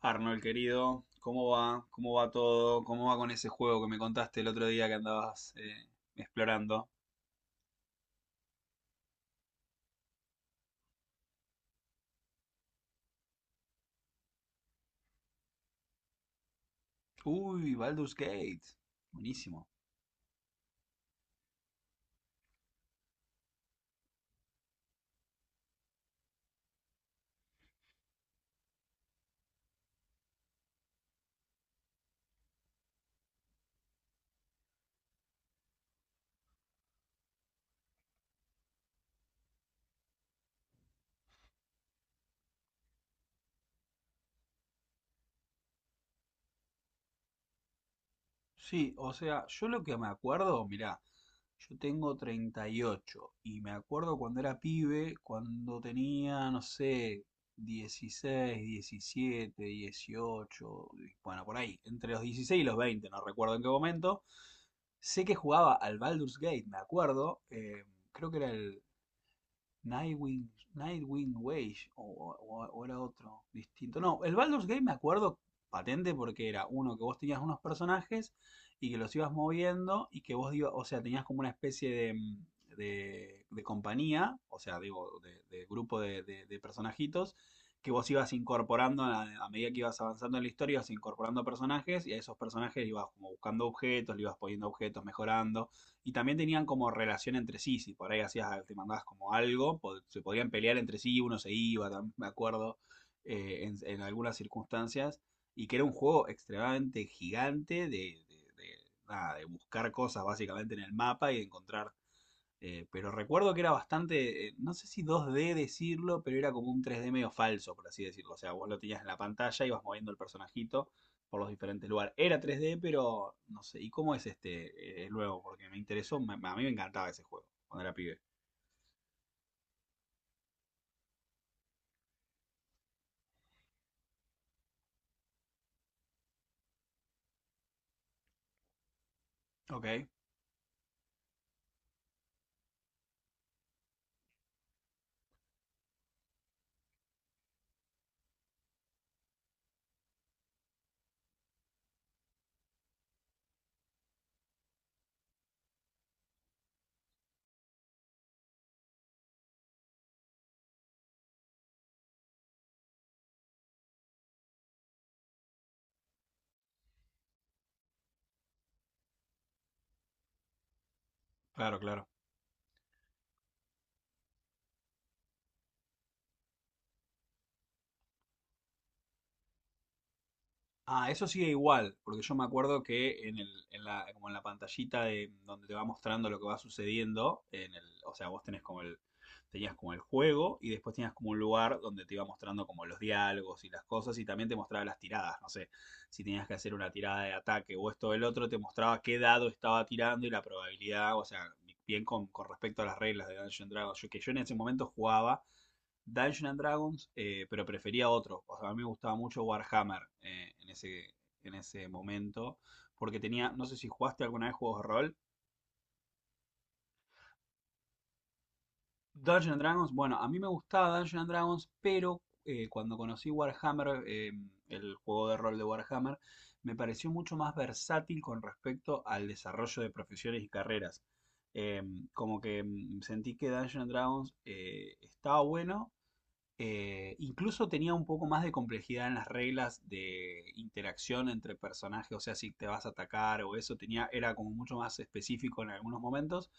Arnold, querido, ¿cómo va? ¿Cómo va todo? ¿Cómo va con ese juego que me contaste el otro día que andabas explorando? Uy, Baldur's Gate. Buenísimo. Sí, o sea, yo lo que me acuerdo, mirá, yo tengo 38 y me acuerdo cuando era pibe, cuando tenía, no sé, 16, 17, 18, bueno, por ahí, entre los 16 y los 20, no recuerdo en qué momento. Sé que jugaba al Baldur's Gate, me acuerdo, creo que era el Nightwing, Nightwing Wage o, o era otro distinto. No, el Baldur's Gate me acuerdo patente porque era uno que vos tenías unos personajes y que los ibas moviendo y que vos ibas, o sea, tenías como una especie de, de compañía, o sea, digo, de grupo de, de personajitos que vos ibas incorporando a medida que ibas avanzando en la historia, ibas incorporando personajes y a esos personajes ibas como buscando objetos, le ibas poniendo objetos, mejorando, y también tenían como relación entre sí. Si por ahí hacías, te mandabas como algo, se podían pelear entre sí, uno se iba, me acuerdo, en algunas circunstancias, y que era un juego extremadamente gigante de, nada, de buscar cosas básicamente en el mapa y de encontrar. Pero recuerdo que era bastante, no sé si 2D decirlo, pero era como un 3D medio falso, por así decirlo. O sea, vos lo tenías en la pantalla, ibas moviendo el personajito por los diferentes lugares. Era 3D, pero no sé. ¿Y cómo es este el nuevo? Porque me interesó, a mí me encantaba ese juego cuando era pibe. Ok, claro, claro. Ah, eso sigue igual, porque yo me acuerdo que en el, en la, como en la pantallita de donde te va mostrando lo que va sucediendo, en el, o sea, vos tenés como el, tenías como el juego y después tenías como un lugar donde te iba mostrando como los diálogos y las cosas, y también te mostraba las tiradas, no sé, si tenías que hacer una tirada de ataque o esto o el otro, te mostraba qué dado estaba tirando y la probabilidad, o sea, bien con respecto a las reglas de Dungeons and Dragons, yo, que yo en ese momento jugaba Dungeons and Dragons, pero prefería otro. O sea, a mí me gustaba mucho Warhammer en ese momento, porque tenía, no sé si jugaste alguna vez juegos de rol. Dungeons and Dragons, bueno, a mí me gustaba Dungeons and Dragons, pero cuando conocí Warhammer, el juego de rol de Warhammer, me pareció mucho más versátil con respecto al desarrollo de profesiones y carreras. Eh, como que sentí que Dungeons and Dragons estaba bueno. Incluso tenía un poco más de complejidad en las reglas de interacción entre personajes, o sea, si te vas a atacar o eso, tenía, era como mucho más específico en algunos momentos,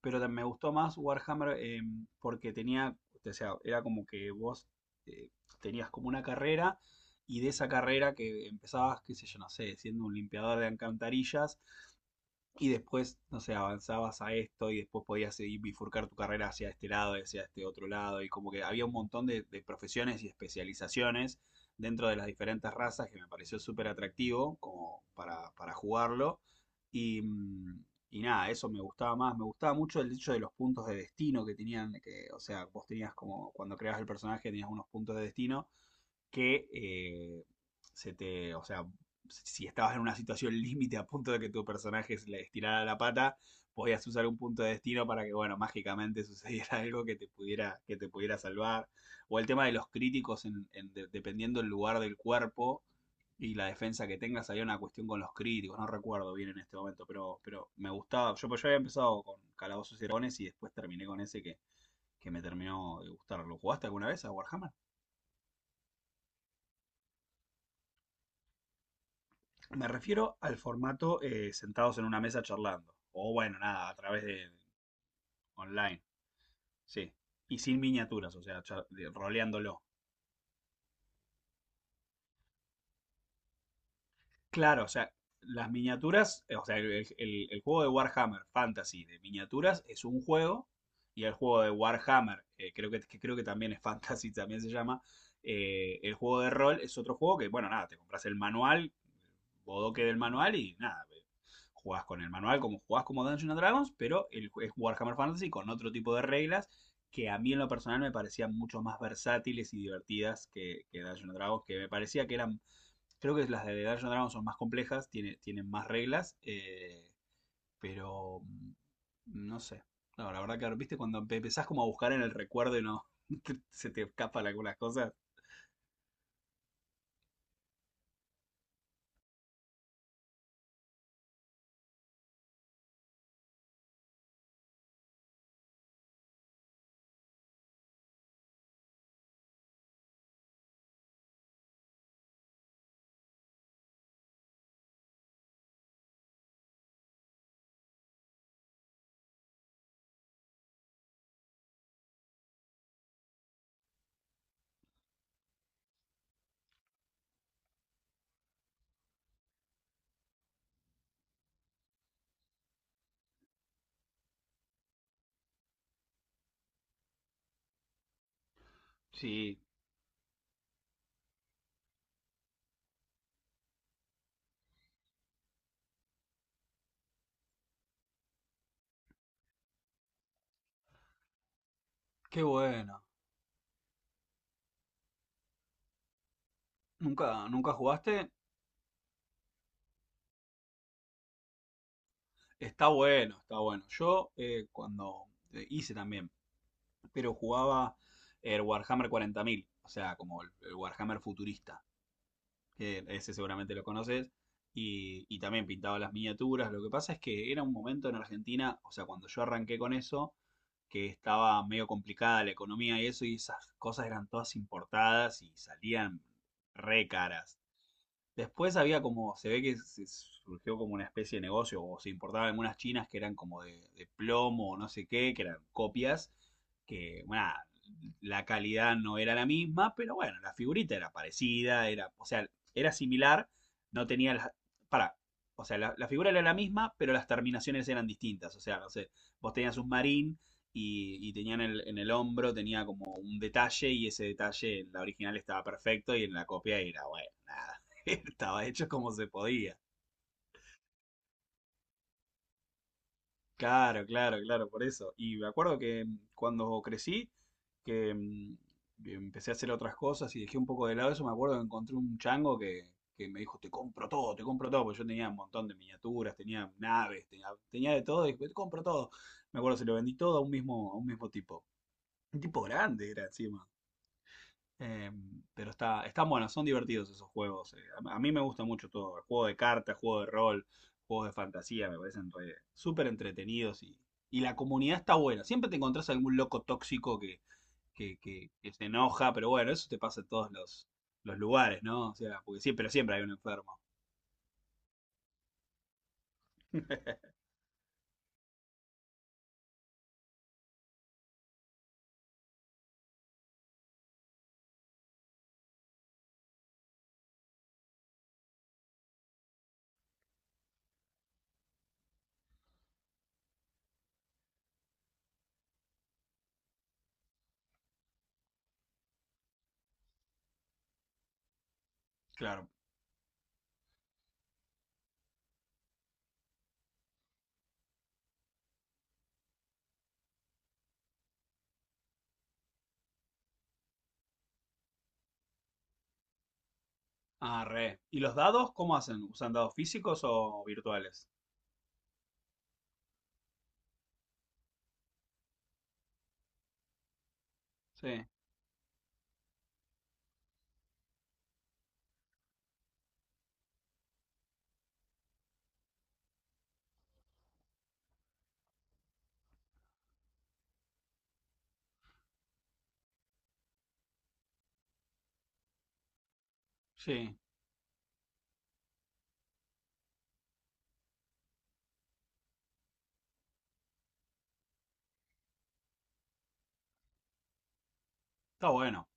pero me gustó más Warhammer, porque tenía, o sea, era como que vos eh, tenías como una carrera y de esa carrera que empezabas, qué sé yo, no sé, siendo un limpiador de alcantarillas y después, no sé, avanzabas a esto y después podías seguir bifurcar tu carrera hacia este lado y hacia este otro lado. Y como que había un montón de profesiones y especializaciones dentro de las diferentes razas que me pareció súper atractivo como para jugarlo. Y, y nada, eso me gustaba más. Me gustaba mucho el hecho de los puntos de destino que tenían, que, o sea, vos tenías como cuando creabas el personaje tenías unos puntos de destino que se te, o sea, si estabas en una situación límite a punto de que tu personaje se le estirara la pata, podías usar un punto de destino para que, bueno, mágicamente sucediera algo que te pudiera salvar. O el tema de los críticos, en, de, dependiendo el lugar del cuerpo y la defensa que tengas, había una cuestión con los críticos, no recuerdo bien en este momento, pero me gustaba. Yo, pues, yo había empezado con Calabozos y Dragones y después terminé con ese que me terminó de gustar. ¿Lo jugaste alguna vez a Warhammer? Me refiero al formato sentados en una mesa charlando. O bueno, nada, a través de online. Sí. Y sin miniaturas, o sea, roleándolo. Claro, o sea, las miniaturas, o sea, el, el juego de Warhammer Fantasy de miniaturas es un juego, y el juego de Warhammer, creo que creo que también es Fantasy, también se llama, el juego de rol es otro juego que, bueno, nada, te compras el manual, bodoque del manual y nada, jugás con el manual como jugás como Dungeons and Dragons, pero el, es Warhammer Fantasy con otro tipo de reglas que a mí en lo personal me parecían mucho más versátiles y divertidas que Dungeons and Dragons, que me parecía que eran. Creo que las de Dungeons and Dragons son más complejas, tiene, tienen más reglas, pero no sé. No, la verdad que ahora, viste, cuando empezás como a buscar en el recuerdo y no se te escapan algunas cosas. Sí, qué bueno. ¿Nunca, nunca jugaste? Está bueno, está bueno. Yo cuando hice también, pero jugaba el Warhammer 40.000, o sea, como el Warhammer futurista, que ese seguramente lo conoces, y también pintaba las miniaturas. Lo que pasa es que era un momento en Argentina, o sea, cuando yo arranqué con eso, que estaba medio complicada la economía y eso, y esas cosas eran todas importadas y salían re caras. Después había como, se ve que se surgió como una especie de negocio, o se importaban algunas chinas que eran como de plomo o no sé qué, que eran copias, que, bueno, nada, la calidad no era la misma, pero bueno, la figurita era parecida, era, o sea, era similar, no tenía las, para, o sea, la figura era la misma, pero las terminaciones eran distintas, o sea, no sé, vos tenías un marín y tenían el, en el hombro, tenía como un detalle y ese detalle en la original estaba perfecto y en la copia era, bueno, nada. Estaba hecho como se podía. Claro, claro, claro, por eso. Y me acuerdo que cuando crecí, que empecé a hacer otras cosas y dejé un poco de lado eso, me acuerdo que encontré un chango que me dijo, te compro todo, porque yo tenía un montón de miniaturas, tenía naves, tenía, tenía de todo, y dijo, te compro todo. Me acuerdo, se lo vendí todo a un mismo tipo. Un tipo grande era encima. Eh, pero está, están buenos, son divertidos esos juegos. A mí me gusta mucho todo. El juego de cartas, juego de rol, juegos de fantasía, me parecen súper entretenidos y la comunidad está buena. Siempre te encontrás algún loco tóxico que, que se enoja, pero bueno, eso te pasa en todos los lugares, ¿no? O sea, porque siempre, pero siempre hay un enfermo. Claro. Ah, re. ¿Y los dados cómo hacen? ¿Usan dados físicos o virtuales? Sí, sí. Está bueno.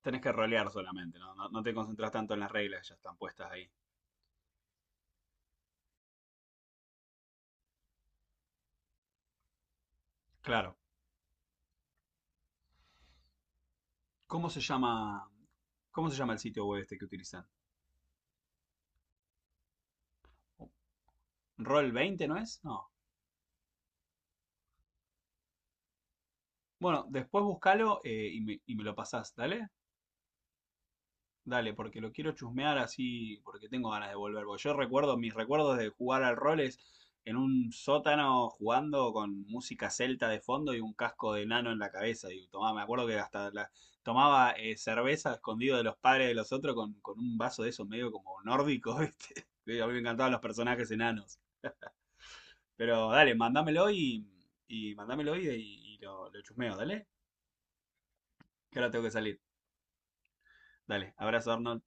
Tenés que rolear solamente, ¿no? No, no te concentras tanto en las reglas, ya están puestas ahí. Claro. ¿Cómo se llama, cómo se llama el sitio web este que utilizan? ¿Roll 20, no es? No. Bueno, después buscalo y me lo pasás, ¿dale? Dale, porque lo quiero chusmear así, porque tengo ganas de volver. Porque yo recuerdo, mis recuerdos de jugar al rol es en un sótano jugando con música celta de fondo y un casco de nano en la cabeza. Y tomaba, me acuerdo que hasta tomaba cerveza escondido de los padres de los otros con un vaso de esos medio como nórdico, ¿viste? A mí me encantaban los personajes enanos. Pero dale, mándamelo y lo chusmeo, dale. Que ahora tengo que salir. Dale, abrazo, Arnold.